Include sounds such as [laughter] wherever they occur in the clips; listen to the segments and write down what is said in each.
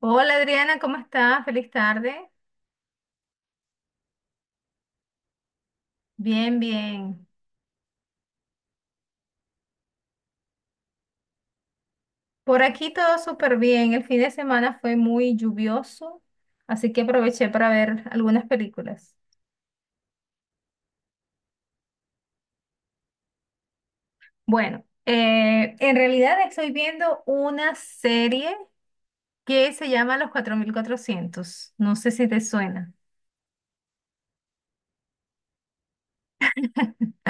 Hola Adriana, ¿cómo estás? Feliz tarde. Bien, bien. Por aquí todo súper bien. El fin de semana fue muy lluvioso, así que aproveché para ver algunas películas. Bueno, en realidad estoy viendo una serie que se llama Los 4400. No sé si te suena. [laughs]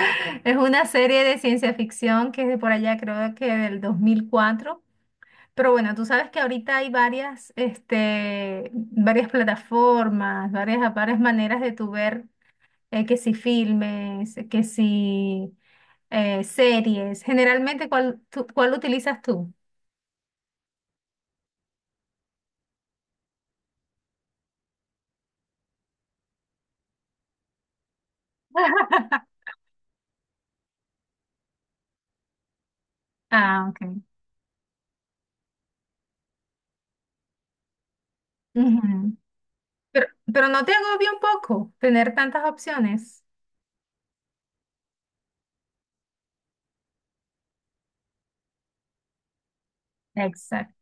Es una serie de ciencia ficción que es de por allá, creo que del 2004. Pero bueno, tú sabes que ahorita hay varias, este, varias plataformas, varias maneras de tu ver que si filmes, que si series. Generalmente, ¿ cuál utilizas tú? [laughs] Ah, ok. Ujú. Pero, pero no te agobia un poco tener tantas opciones. Exacto.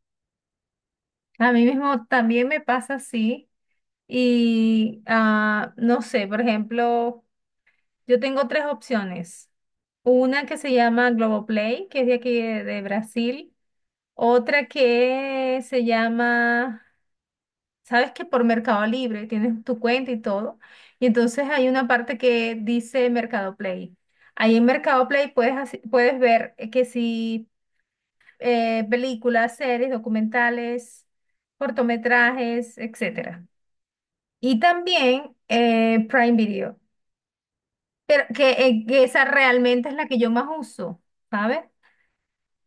A mí mismo también me pasa así. Y no sé, por ejemplo. Yo tengo tres opciones. Una que se llama Globoplay, que es de aquí de Brasil. Otra que se llama, sabes que por Mercado Libre tienes tu cuenta y todo. Y entonces hay una parte que dice Mercado Play. Ahí en Mercado Play puedes, puedes ver que si películas, series, documentales, cortometrajes, etcétera. Y también Prime Video. Pero que esa realmente es la que yo más uso, ¿sabes?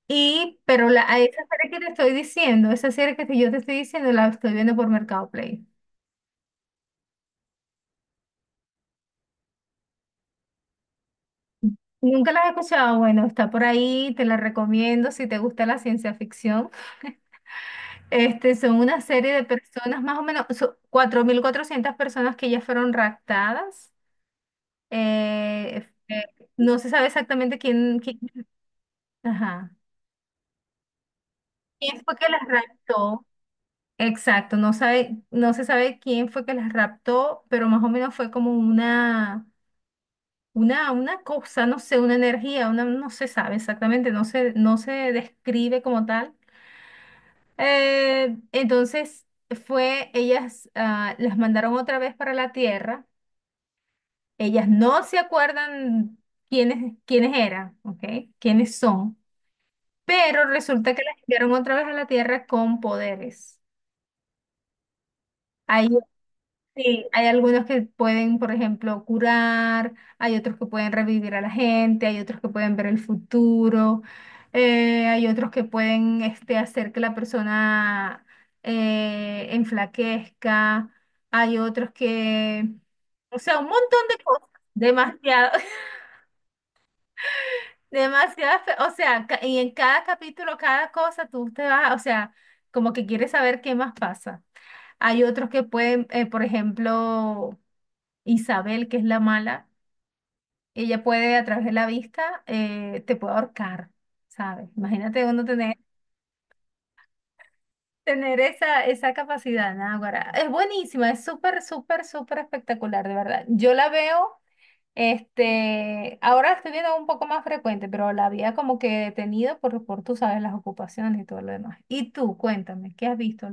Y, pero la, a esa serie que te estoy diciendo, esa serie que yo te estoy diciendo, la estoy viendo por Mercado Play. Nunca la he escuchado, bueno, está por ahí, te la recomiendo si te gusta la ciencia ficción. Este, son una serie de personas, más o menos, son 4400 personas que ya fueron raptadas. Eh, eh, no se sabe exactamente quién, ajá, quién fue que las raptó. Exacto, no sabe, no se sabe quién fue que las raptó, pero más o menos fue como una, una cosa, no sé, una energía, una, no se sabe exactamente, no se, no se describe como tal. Entonces fue, ellas las mandaron otra vez para la Tierra. Ellas no se acuerdan quiénes eran, ¿ok? Quiénes son, pero resulta que las enviaron otra vez a la Tierra con poderes. Sí, hay algunos que pueden, por ejemplo, curar, hay otros que pueden revivir a la gente, hay otros que pueden ver el futuro, hay otros que pueden este, hacer que la persona enflaquezca, hay otros que, o sea, un montón de cosas, demasiado, [laughs] demasiado, o sea, y en cada capítulo, cada cosa, tú te vas, o sea, como que quieres saber qué más pasa. Hay otros que pueden, por ejemplo Isabel, que es la mala, ella puede a través de la vista, te puede ahorcar, ¿sabes? Imagínate uno tener, tener esa, esa capacidad, Náguara. Es buenísima, es súper, súper, súper espectacular, de verdad. Yo la veo, este, ahora la estoy viendo un poco más frecuente, pero la había como que detenido por, tú sabes, las ocupaciones y todo lo demás. Y tú, cuéntame, ¿qué has visto?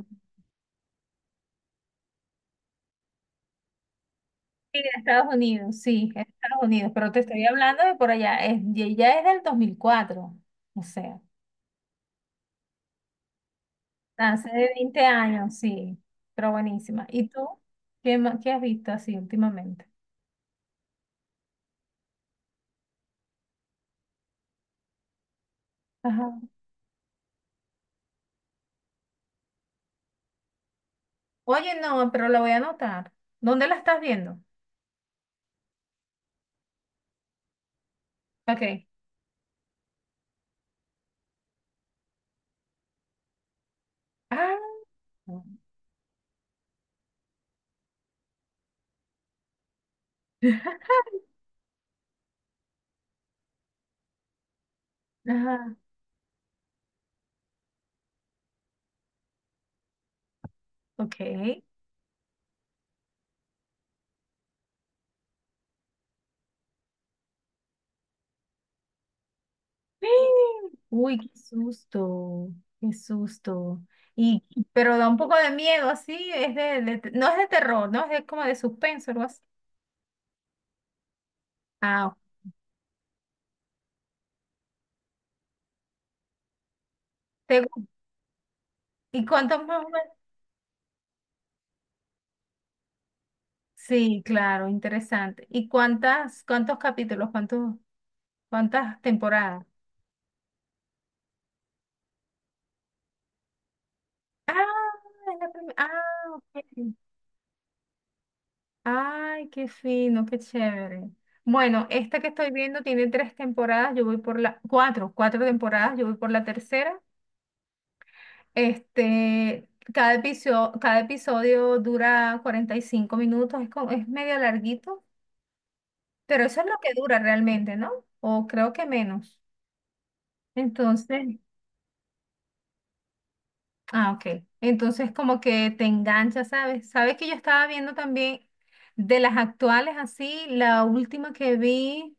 Sí, de Estados Unidos, sí, es de Estados Unidos, pero te estoy hablando de por allá, es, y ella es del 2004, o sea. Hace de 20 años, sí, pero buenísima. ¿Y tú? ¿Qué, qué has visto así últimamente? Ajá. Oye, no, pero la voy a anotar. ¿Dónde la estás viendo? Ok. Ah, [laughs] ajá, ok. [gasps] Uy, qué susto, qué susto. Y, pero da un poco de miedo, así, es de, no es de terror, no es de- como de suspenso, algo así. Ah, ¿te gu- ¿y cuántos más o menos? Sí, claro, interesante. ¿Y cuántas, cuántos capítulos, cuántos? ¿Cuántas temporadas? Ah, es la primera. Ah, ok. Ay, qué fino, qué chévere. Bueno, esta que estoy viendo tiene tres temporadas, yo voy por la, cuatro, cuatro temporadas, yo voy por la tercera. Este, cada episodio dura 45 minutos, es, como- es medio larguito, pero eso es lo que dura realmente, ¿no? O creo que menos. Entonces, ah, ok. Entonces como que te engancha, ¿sabes? Sabes que yo estaba viendo también de las actuales así, la última que vi,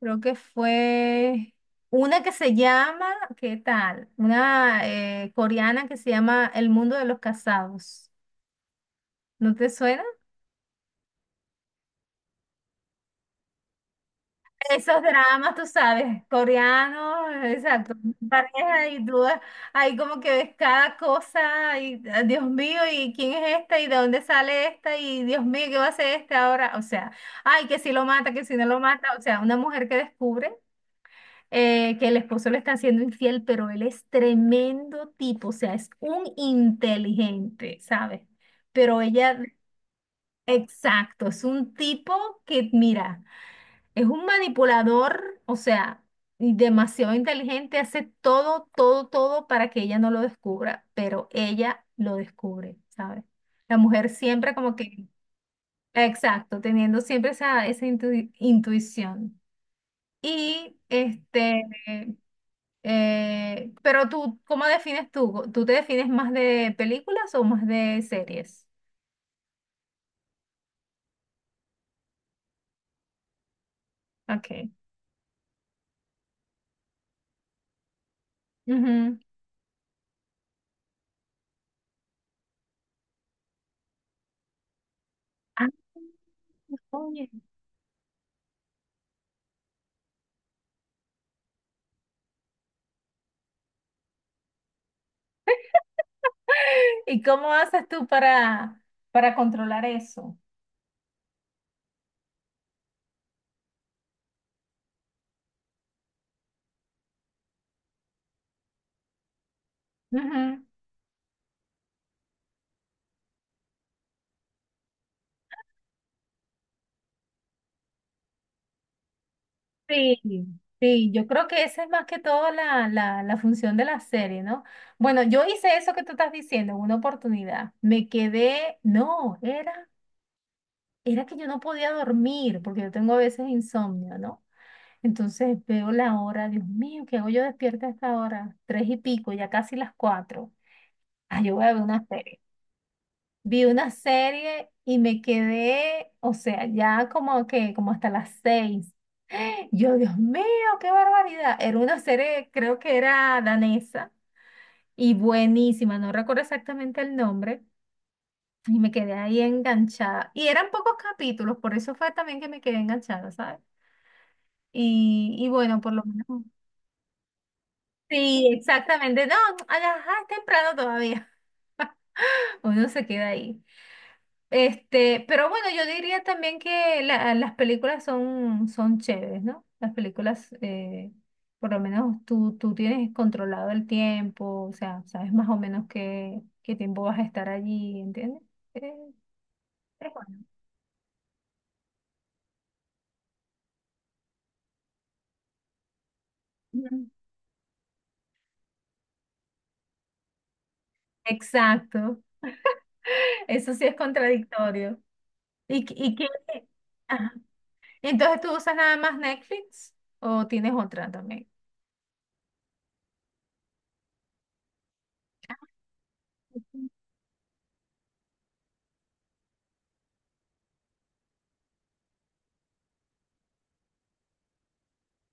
creo que fue una que se llama, ¿qué tal? Una coreana que se llama El Mundo de los Casados. ¿No te suena? Esos dramas, tú sabes, coreanos, exacto, pareja y tú ahí como que ves cada cosa y ah, Dios mío, ¿y quién es esta? ¿Y de dónde sale esta? Y Dios mío, ¿qué va a hacer este ahora? O sea, ay, que si lo mata, que si no lo mata, o sea, una mujer que descubre que el esposo le está siendo infiel, pero él es tremendo tipo, o sea, es un inteligente, ¿sabes? Pero ella, exacto, es un tipo que, mira. Es un manipulador, o sea, y demasiado inteligente, hace todo, todo, todo para que ella no lo descubra, pero ella lo descubre, ¿sabes? La mujer siempre como que, exacto, teniendo siempre esa, esa intuición. Y este, pero tú, ¿cómo defines tú? ¿Tú te defines más de películas o más de series? Ok. Ujú. Ah, oye. [laughs] ¿Y cómo haces tú para controlar eso? Ujú. Sí, sí, yo creo que esa es más que todo la función de la serie, ¿no? Bueno, yo hice eso que tú estás diciendo en una oportunidad. Me quedé, no, era, era que yo no podía dormir, porque yo tengo a veces insomnio, ¿no? Entonces veo la hora, Dios mío, ¿qué hago yo despierta a esta hora? Tres y pico, ya casi las cuatro. Ah, yo voy a ver una serie. Vi una serie y me quedé, o sea, ya como que, como hasta las seis. Yo, Dios mío, qué barbaridad. Era una serie, creo que era danesa y buenísima, no recuerdo exactamente el nombre. Y me quedé ahí enganchada. Y eran pocos capítulos, por eso fue también que me quedé enganchada, ¿sabes? Y bueno, por lo menos. Sí, exactamente. No, ajá, es temprano todavía. [laughs] Uno se queda ahí. Este, pero bueno, yo diría también que las películas son, son chéveres, ¿no? Las películas, por lo menos tú, tú tienes controlado el tiempo, o sea, sabes más o menos qué, qué tiempo vas a estar allí, ¿entiendes? Eh, es bueno. Ujú. Exacto, [laughs] eso sí es contradictorio. ¿ y qué? Ajá. ¿Y entonces tú usas nada más Netflix o tienes otra también?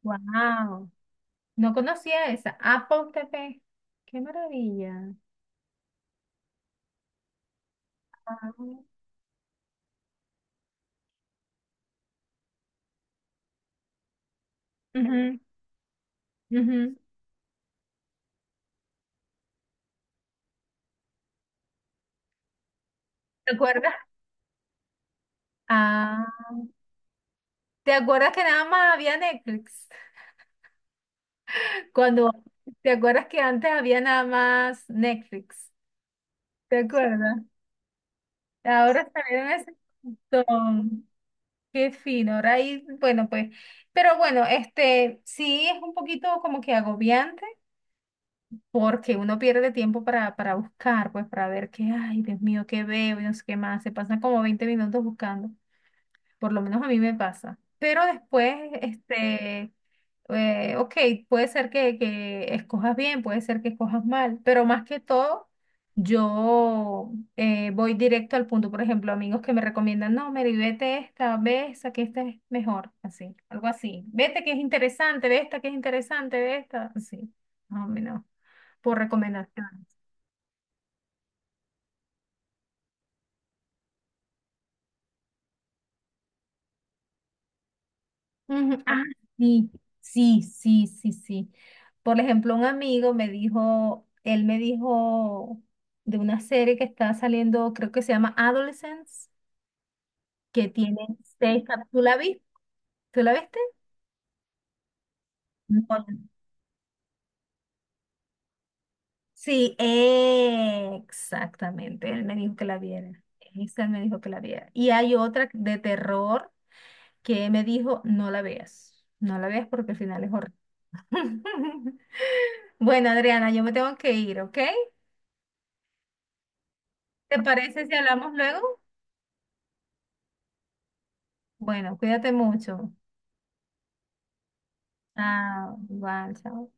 Wow. No conocía esa. Apple TV. Qué maravilla. Ah, ujú. Ujú. ¿Te acuerdas? Ah, ¿te acuerdas que nada más había Netflix? [laughs] Cuando, ¿te acuerdas que antes había nada más Netflix? ¿Te acuerdas? Ahora salieron ese montón. Qué fino. Ahora ahí, bueno, pues, pero bueno, este sí es un poquito como que agobiante. Porque uno pierde tiempo para buscar, pues para ver qué, ay, Dios mío, qué veo y no sé qué más. Se pasan como 20 minutos buscando, por lo menos a mí me pasa. Pero después, este, ok, puede ser que escojas bien, puede ser que escojas mal, pero más que todo, yo voy directo al punto. Por ejemplo, amigos que me recomiendan, no, Mary, vete esta, ve esa, que esta es mejor, así, algo así. Vete que es interesante, ve esta que es interesante, ve esta, así. No, por recomendaciones. Ujú, ah, sí, sí, sí, sí. Por ejemplo, un amigo me dijo, él me dijo de una serie que está saliendo, creo que se llama Adolescence, que tiene ¿Tú la viste? ¿Tú la viste? No. Sí, exactamente. Él me dijo que la viera. Esa me dijo que la viera. Y hay otra de terror que me dijo, no la veas. No la veas porque al final es horrible. [laughs] Bueno, Adriana, yo me tengo que ir, ¿ok? ¿Te parece si hablamos luego? Bueno, cuídate mucho. Ah, igual, chao.